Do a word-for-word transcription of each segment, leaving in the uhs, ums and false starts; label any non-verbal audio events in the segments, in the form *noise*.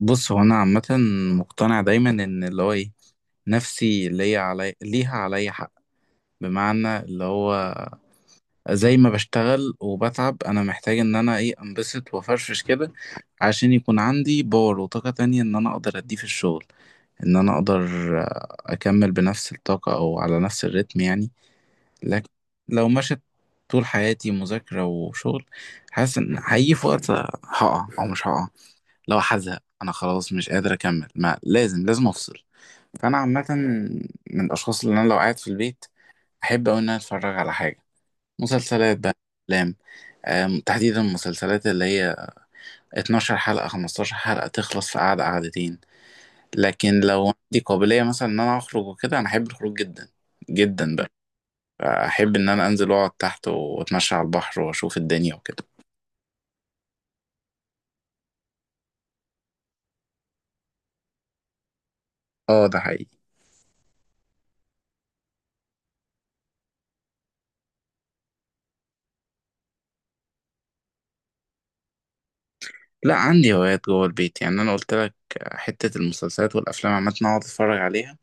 بص، هو انا عامه مقتنع دايما ان اللي هو ايه، نفسي ليا علي ليها عليا حق. بمعنى اللي هو زي ما بشتغل وبتعب، انا محتاج ان انا ايه انبسط وافرفش كده عشان يكون عندي باور وطاقه تانية ان انا اقدر اديه في الشغل. ان انا اقدر آه، اكمل بنفس الطاقه او على نفس الريتم يعني. لكن لو مشت طول حياتي مذاكره وشغل، حاسس ان هيجي في وقت هقع او مش هقع. لو هزهق انا خلاص مش قادر اكمل، ما لازم لازم افصل. فانا عامه من الاشخاص اللي انا لو قاعد في البيت احب أوي ان انا اتفرج على حاجه، مسلسلات بقى، افلام. آم، تحديدا المسلسلات اللي هي اتناشر حلقة حلقه خمستاشر حلقة حلقه تخلص في قعده قعدتين. لكن لو عندي قابليه مثلا ان انا اخرج وكده، انا احب الخروج جدا جدا بقى. احب ان انا انزل واقعد تحت واتمشى على البحر واشوف الدنيا وكده. اه، ده حقيقي. لا، عندي هوايات جوه البيت، يعني انا قلت لك، حته المسلسلات والافلام عامه أنا اقعد اتفرج عليها،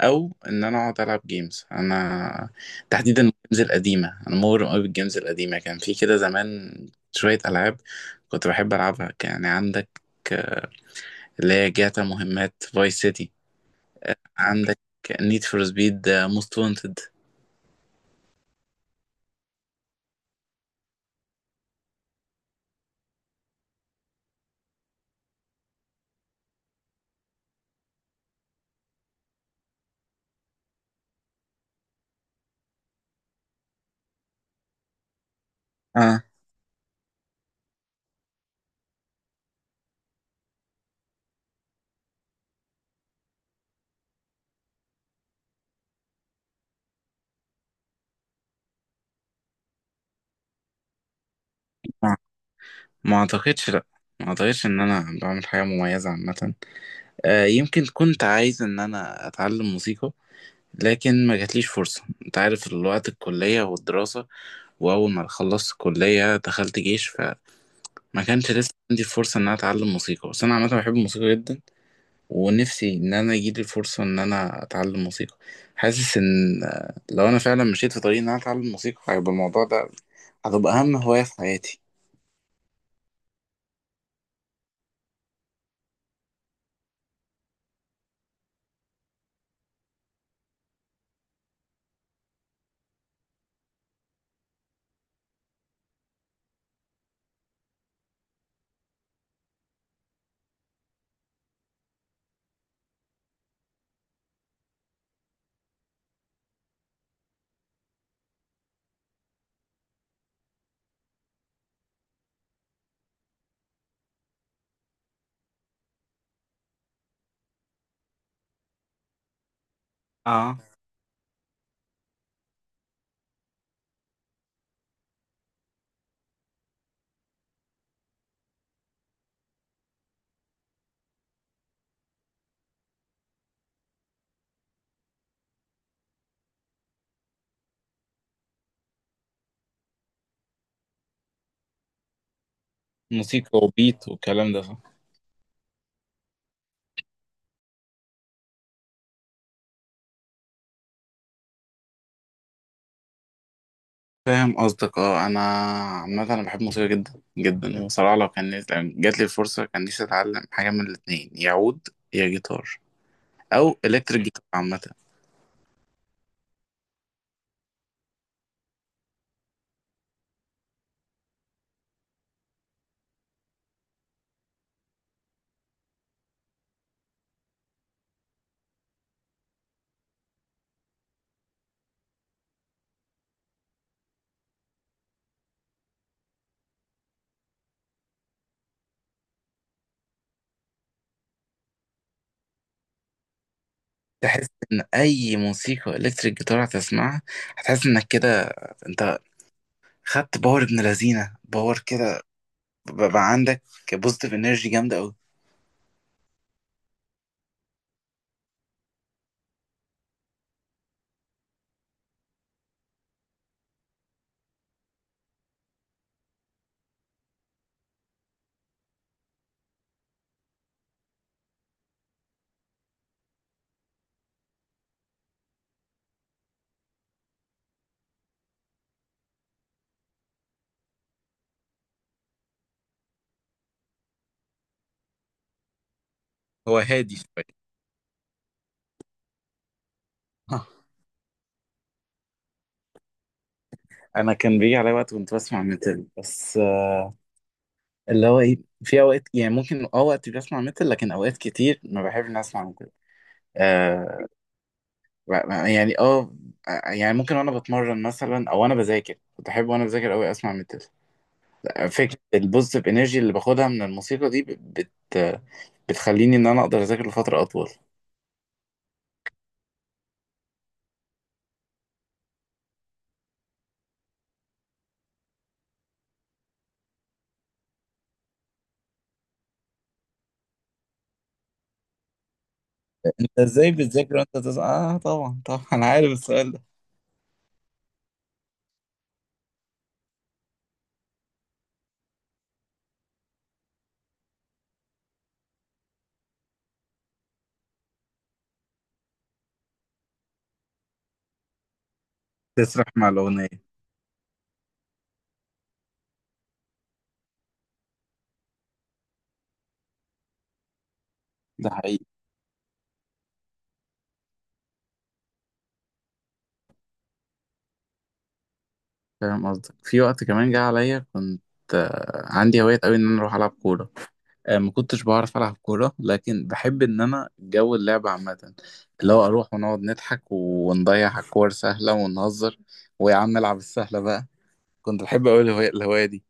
او ان انا اقعد العب جيمز. انا تحديدا الجيمز القديمه، انا مغرم قوي بالجيمز القديمه. كان في كده زمان شويه العاب كنت بحب العبها، يعني عندك اللي هي جاتا مهمات فايس سيتي، عندك نيد فور سبيد موست وانتد. اه، ما ما اعتقدش. لا، ما اعتقدش ان انا بعمل حاجه مميزه عامه. آه، يمكن كنت عايز ان انا اتعلم موسيقى، لكن ما جاتليش فرصة. انت عارف الوقت، الكلية والدراسة، واول ما خلصت الكلية دخلت جيش، فما كانش لسه عندي الفرصة ان انا اتعلم موسيقى. بس انا عامة بحب الموسيقى جدا، ونفسي ان انا يجيلي الفرصة ان انا اتعلم موسيقى. حاسس ان آه، لو انا فعلا مشيت في طريق ان انا اتعلم موسيقى، هيبقى الموضوع ده، هتبقى اهم هواية في حياتي. اه، موسيقى وبيت والكلام ده. فاهم قصدك. اه، انا عامه انا بحب الموسيقى جدا جدا بصراحه. لو كان، لو جات لي الفرصه، كان نفسي اتعلم حاجه من الاثنين، يا عود يا جيتار او الكتريك جيتار عامه. تحس ان اي موسيقى الكتريك جيتار هتسمعها، هتحس انك كده انت خدت باور، ابن لذينه باور كده. بقى عندك بوزيتيف انرجي جامده قوي. هو هادي شويه. آه. انا كان بيجي علي وقت كنت بسمع ميتال، بس آه، اللي هو ايه، في اوقات يعني ممكن اه وقت بسمع ميتال، لكن اوقات كتير ما بحبش إني اسمع. آه يعني اه يعني ممكن وانا بتمرن مثلا، او انا بذاكر، كنت احب وانا بذاكر قوي اسمع ميتال. فكره البوزيتيف انرجي اللي باخدها من الموسيقى دي بت بتخليني ان انا اقدر اذاكر لفتره اطول. انت ازاي بتذاكر وانت تز... اه طبعا طبعا *laughs* انا عارف السؤال ده. تسرح مع الأغنية. ده حقيقي. فاهم قصدك. في وقت كمان جه عليا كنت آه، عندي هواية قوي إن أنا أروح ألعب كورة. آه، ما كنتش بعرف ألعب كورة، لكن بحب إن أنا جو اللعب عامة. اللي هو أروح ونقعد نضحك ونضيع على الكور سهلة ونهزر، ويا عم العب السهلة بقى. كنت بحب أوي الهواية الهواية دي.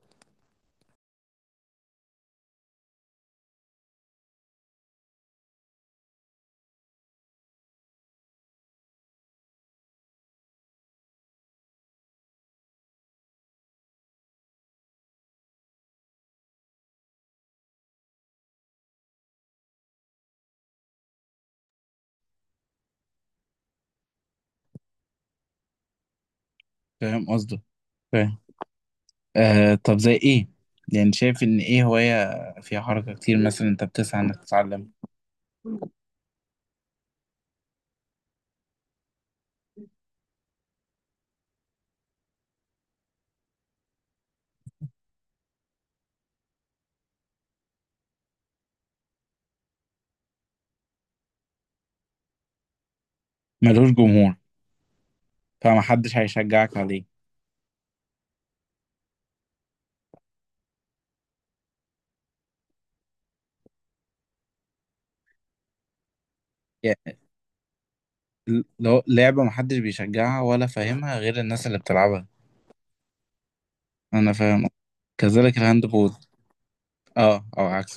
فاهم قصدك، فاهم. آه، طب زي ايه، يعني شايف ان ايه هواية فيها حركة كتير مثلا انت بتسعى انك تتعلم. ملوش جمهور. فمحدش هيشجعك عليه. يعني لو لعبة محدش بيشجعها ولا فاهمها غير الناس اللي بتلعبها. انا فاهم. كذلك الهاند بول. اه، او عكس.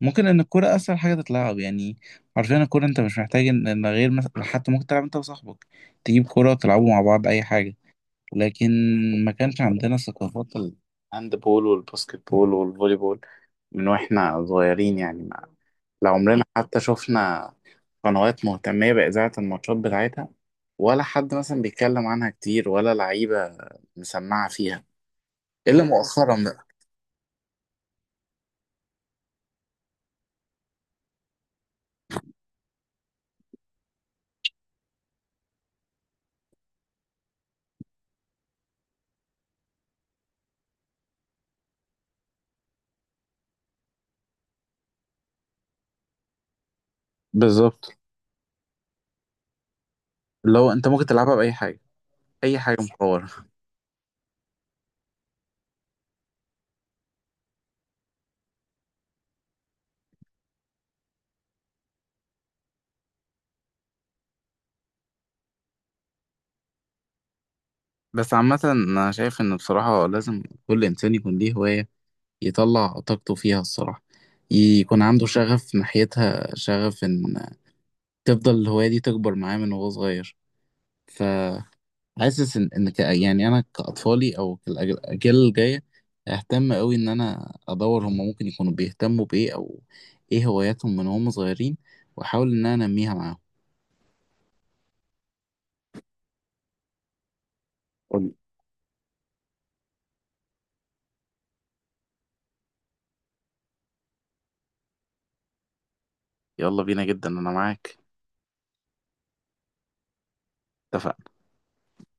ممكن ان الكوره اسهل حاجه تتلعب، يعني عارفين الكوره انت مش محتاج ان إن غير مثلا، حتى ممكن تلعب انت وصاحبك، تجيب كوره وتلعبوا مع بعض اي حاجه. لكن ما كانش عندنا ثقافات الهاند بول والباسكت بول والفولي بول من واحنا صغيرين، يعني ما. لا، عمرنا حتى شفنا قنوات مهتمية بإذاعة الماتشات بتاعتها، ولا حد مثلا بيتكلم عنها كتير، ولا لعيبة مسمعة فيها إلا مؤخرا بقى. بالظبط، اللي هو أنت ممكن تلعبها بأي حاجة، أي حاجة مصورها. بس عامة أنا شايف إن بصراحة لازم كل إنسان يكون ليه هواية، يطلع طاقته فيها الصراحة، يكون عنده شغف ناحيتها، شغف إن تفضل الهواية دي تكبر معاه من وهو صغير. فحاسس إن إن ك... يعني أنا كأطفالي أو كالأج- الأجيال الجاية، أهتم أوي إن أنا أدور هما ممكن يكونوا بيهتموا بإيه، أو إيه هواياتهم من وهم صغيرين، وأحاول إن أنا أنميها معاهم. قولي. يلا بينا، جدا أنا معاك. اتفقنا.